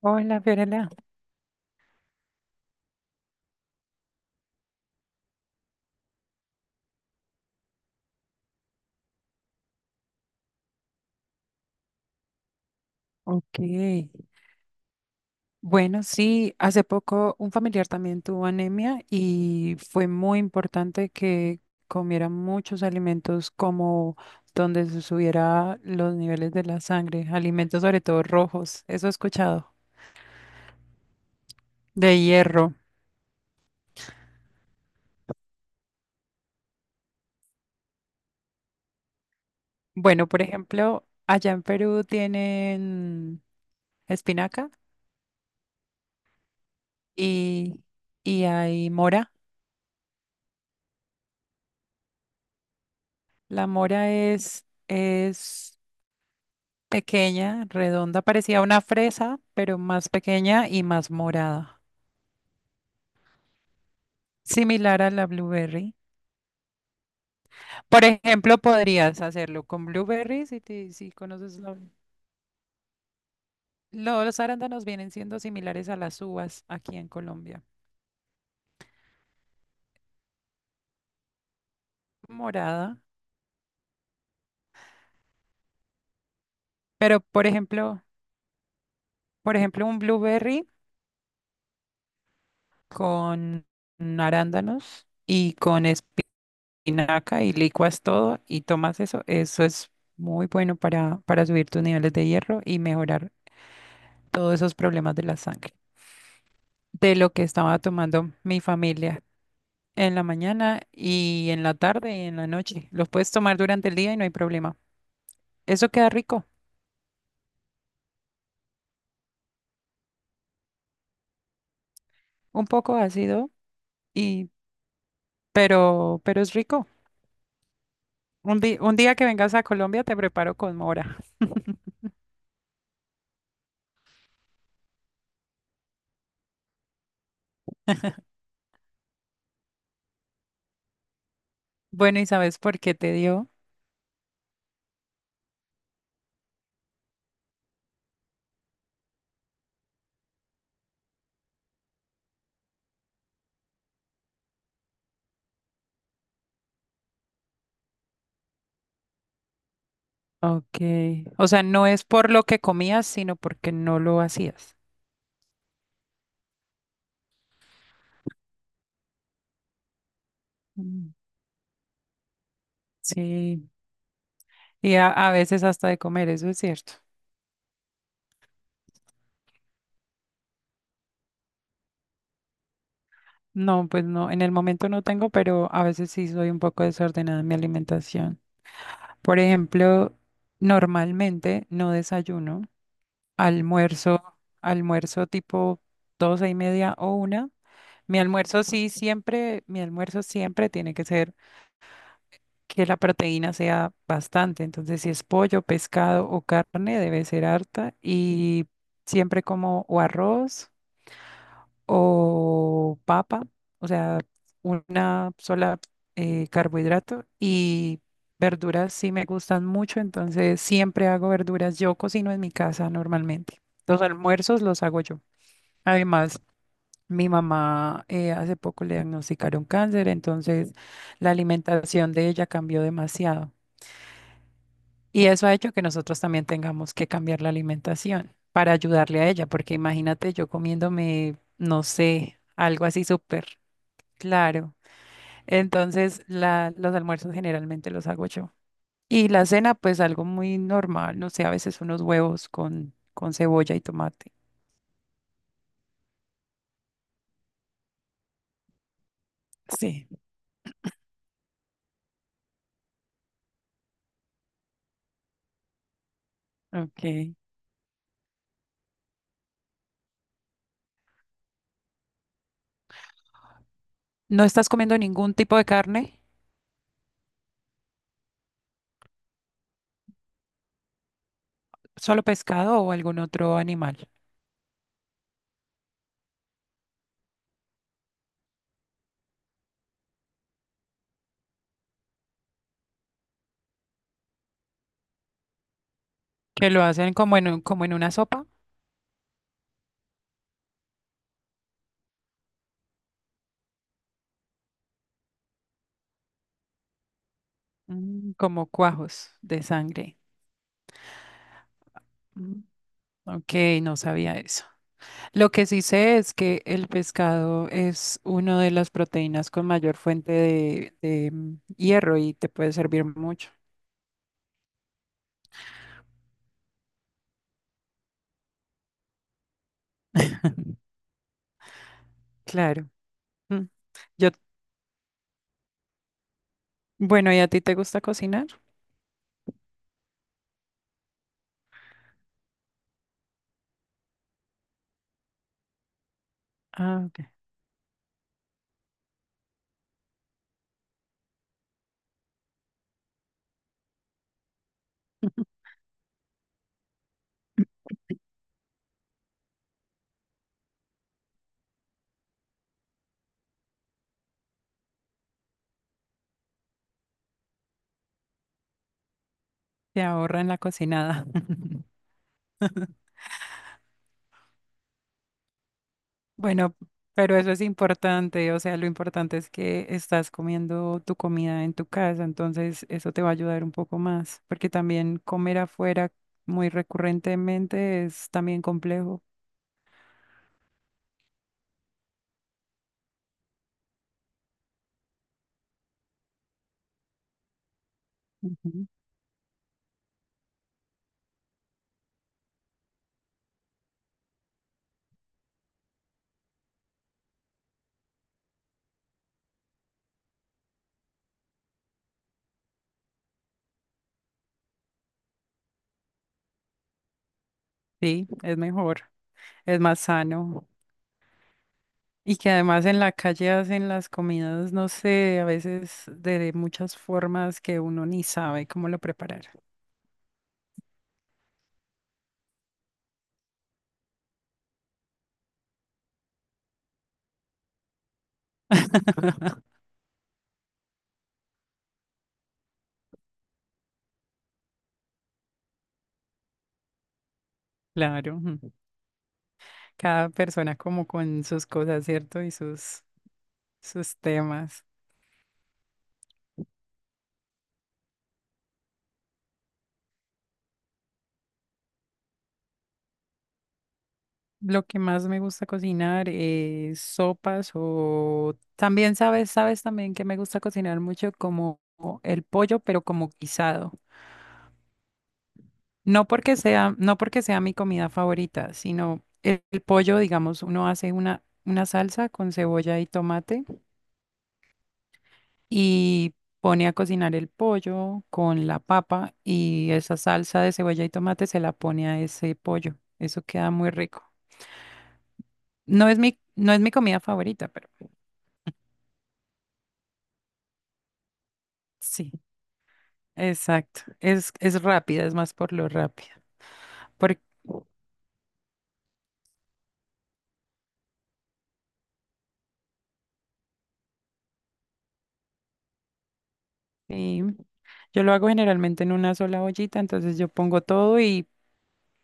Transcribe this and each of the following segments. Hola, Fiorella. Ok. Bueno, sí, hace poco un familiar también tuvo anemia y fue muy importante que comiera muchos alimentos como donde se subiera los niveles de la sangre, alimentos sobre todo rojos, eso he escuchado, de hierro. Bueno, por ejemplo, allá en Perú tienen espinaca y, y hay mora. La mora es pequeña, redonda, parecía una fresa, pero más pequeña y más morada, similar a la blueberry. Por ejemplo, podrías hacerlo con blueberry si, si conoces la... Los arándanos vienen siendo similares a las uvas aquí en Colombia. Morada, pero por ejemplo, un blueberry con arándanos y con espinaca y licuas todo y tomas eso, eso es muy bueno para subir tus niveles de hierro y mejorar todos esos problemas de la sangre, de lo que estaba tomando mi familia en la mañana y en la tarde y en la noche. Los puedes tomar durante el día y no hay problema. Eso queda rico, un poco ácido y pero es rico. Un día que vengas a Colombia te preparo con mora. Bueno, ¿y sabes por qué te dio? Ok. O sea, no es por lo que comías, sino porque no lo hacías. Mm. Sí. Y a veces hasta de comer, eso es cierto. No, pues no, en el momento no tengo, pero a veces sí soy un poco desordenada en mi alimentación. Por ejemplo, normalmente no desayuno, almuerzo, almuerzo tipo 12:30 o una. Mi almuerzo sí siempre, mi almuerzo siempre tiene que ser que la proteína sea bastante. Entonces, si es pollo, pescado o carne, debe ser harta y siempre como o arroz o papa, o sea, una sola carbohidrato y verduras sí me gustan mucho, entonces siempre hago verduras. Yo cocino en mi casa normalmente. Los almuerzos los hago yo. Además, mi mamá hace poco le diagnosticaron cáncer, entonces la alimentación de ella cambió demasiado. Y eso ha hecho que nosotros también tengamos que cambiar la alimentación para ayudarle a ella, porque imagínate yo comiéndome, no sé, algo así súper... Claro. Entonces, los almuerzos generalmente los hago yo. Y la cena, pues algo muy normal, no sé, a veces unos huevos con cebolla y tomate. Sí, ok. ¿No estás comiendo ningún tipo de carne? ¿Solo pescado o algún otro animal? Que lo hacen como en, como en una sopa. Mm, como cuajos de sangre. Mm. Ok, no sabía eso. Lo que sí sé es que el pescado es una de las proteínas con mayor fuente de, mm, hierro y te puede servir mucho. Claro. Mm. Yo, bueno, ¿y a ti te gusta cocinar? Ah, ok. Te ahorra en la cocinada. Bueno, pero eso es importante, o sea, lo importante es que estás comiendo tu comida en tu casa, entonces eso te va a ayudar un poco más, porque también comer afuera muy recurrentemente es también complejo. Ujú. Sí, es mejor. Es más sano. Y que además en la calle hacen las comidas, no sé, a veces de muchas formas que uno ni sabe cómo lo preparar. Claro, ujú. Cada persona como con sus cosas, ¿cierto? Y sus, sus temas. Lo que más me gusta cocinar es sopas o también sabes, sabes también que me gusta cocinar mucho como el pollo, pero como guisado. No porque sea mi comida favorita, sino el pollo, digamos, uno hace una salsa con cebolla y tomate y pone a cocinar el pollo con la papa y esa salsa de cebolla y tomate se la pone a ese pollo. Eso queda muy rico. No es mi comida favorita, pero sí, exacto. Es rápida, es más por lo rápida. Porque yo lo hago generalmente en una sola ollita, entonces yo pongo todo y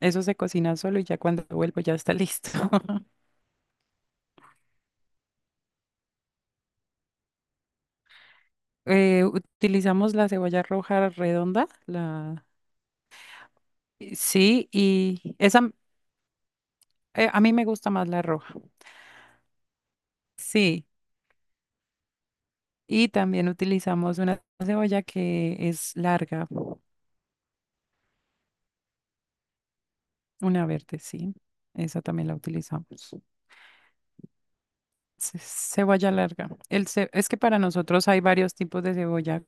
eso se cocina solo y ya cuando vuelvo ya está listo. Utilizamos la cebolla roja redonda, la sí, y esa a mí me gusta más la roja. Sí, y también utilizamos una cebolla que es larga, una verde, sí. Esa también la utilizamos. Cebolla larga. Es que para nosotros hay varios tipos de cebolla.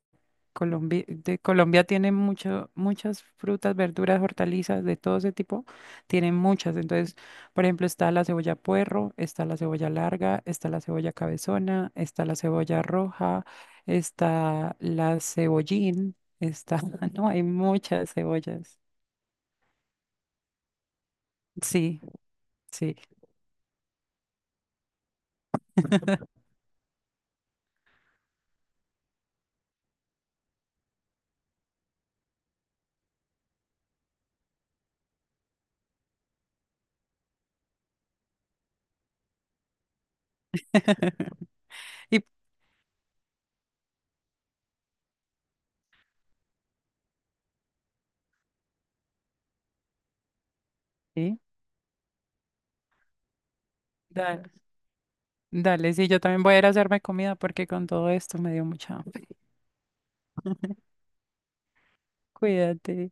Colombia, de Colombia tiene mucho, muchas frutas, verduras, hortalizas, de todo ese tipo. Tienen muchas. Entonces, por ejemplo, está la cebolla puerro, está la cebolla larga, está la cebolla cabezona, está la cebolla roja, está la cebollín, está, no, hay muchas cebollas. Sí, sí. Y sí, dale, dale, sí, yo también voy a ir a hacerme comida porque con todo esto me dio mucha hambre. Cuídate.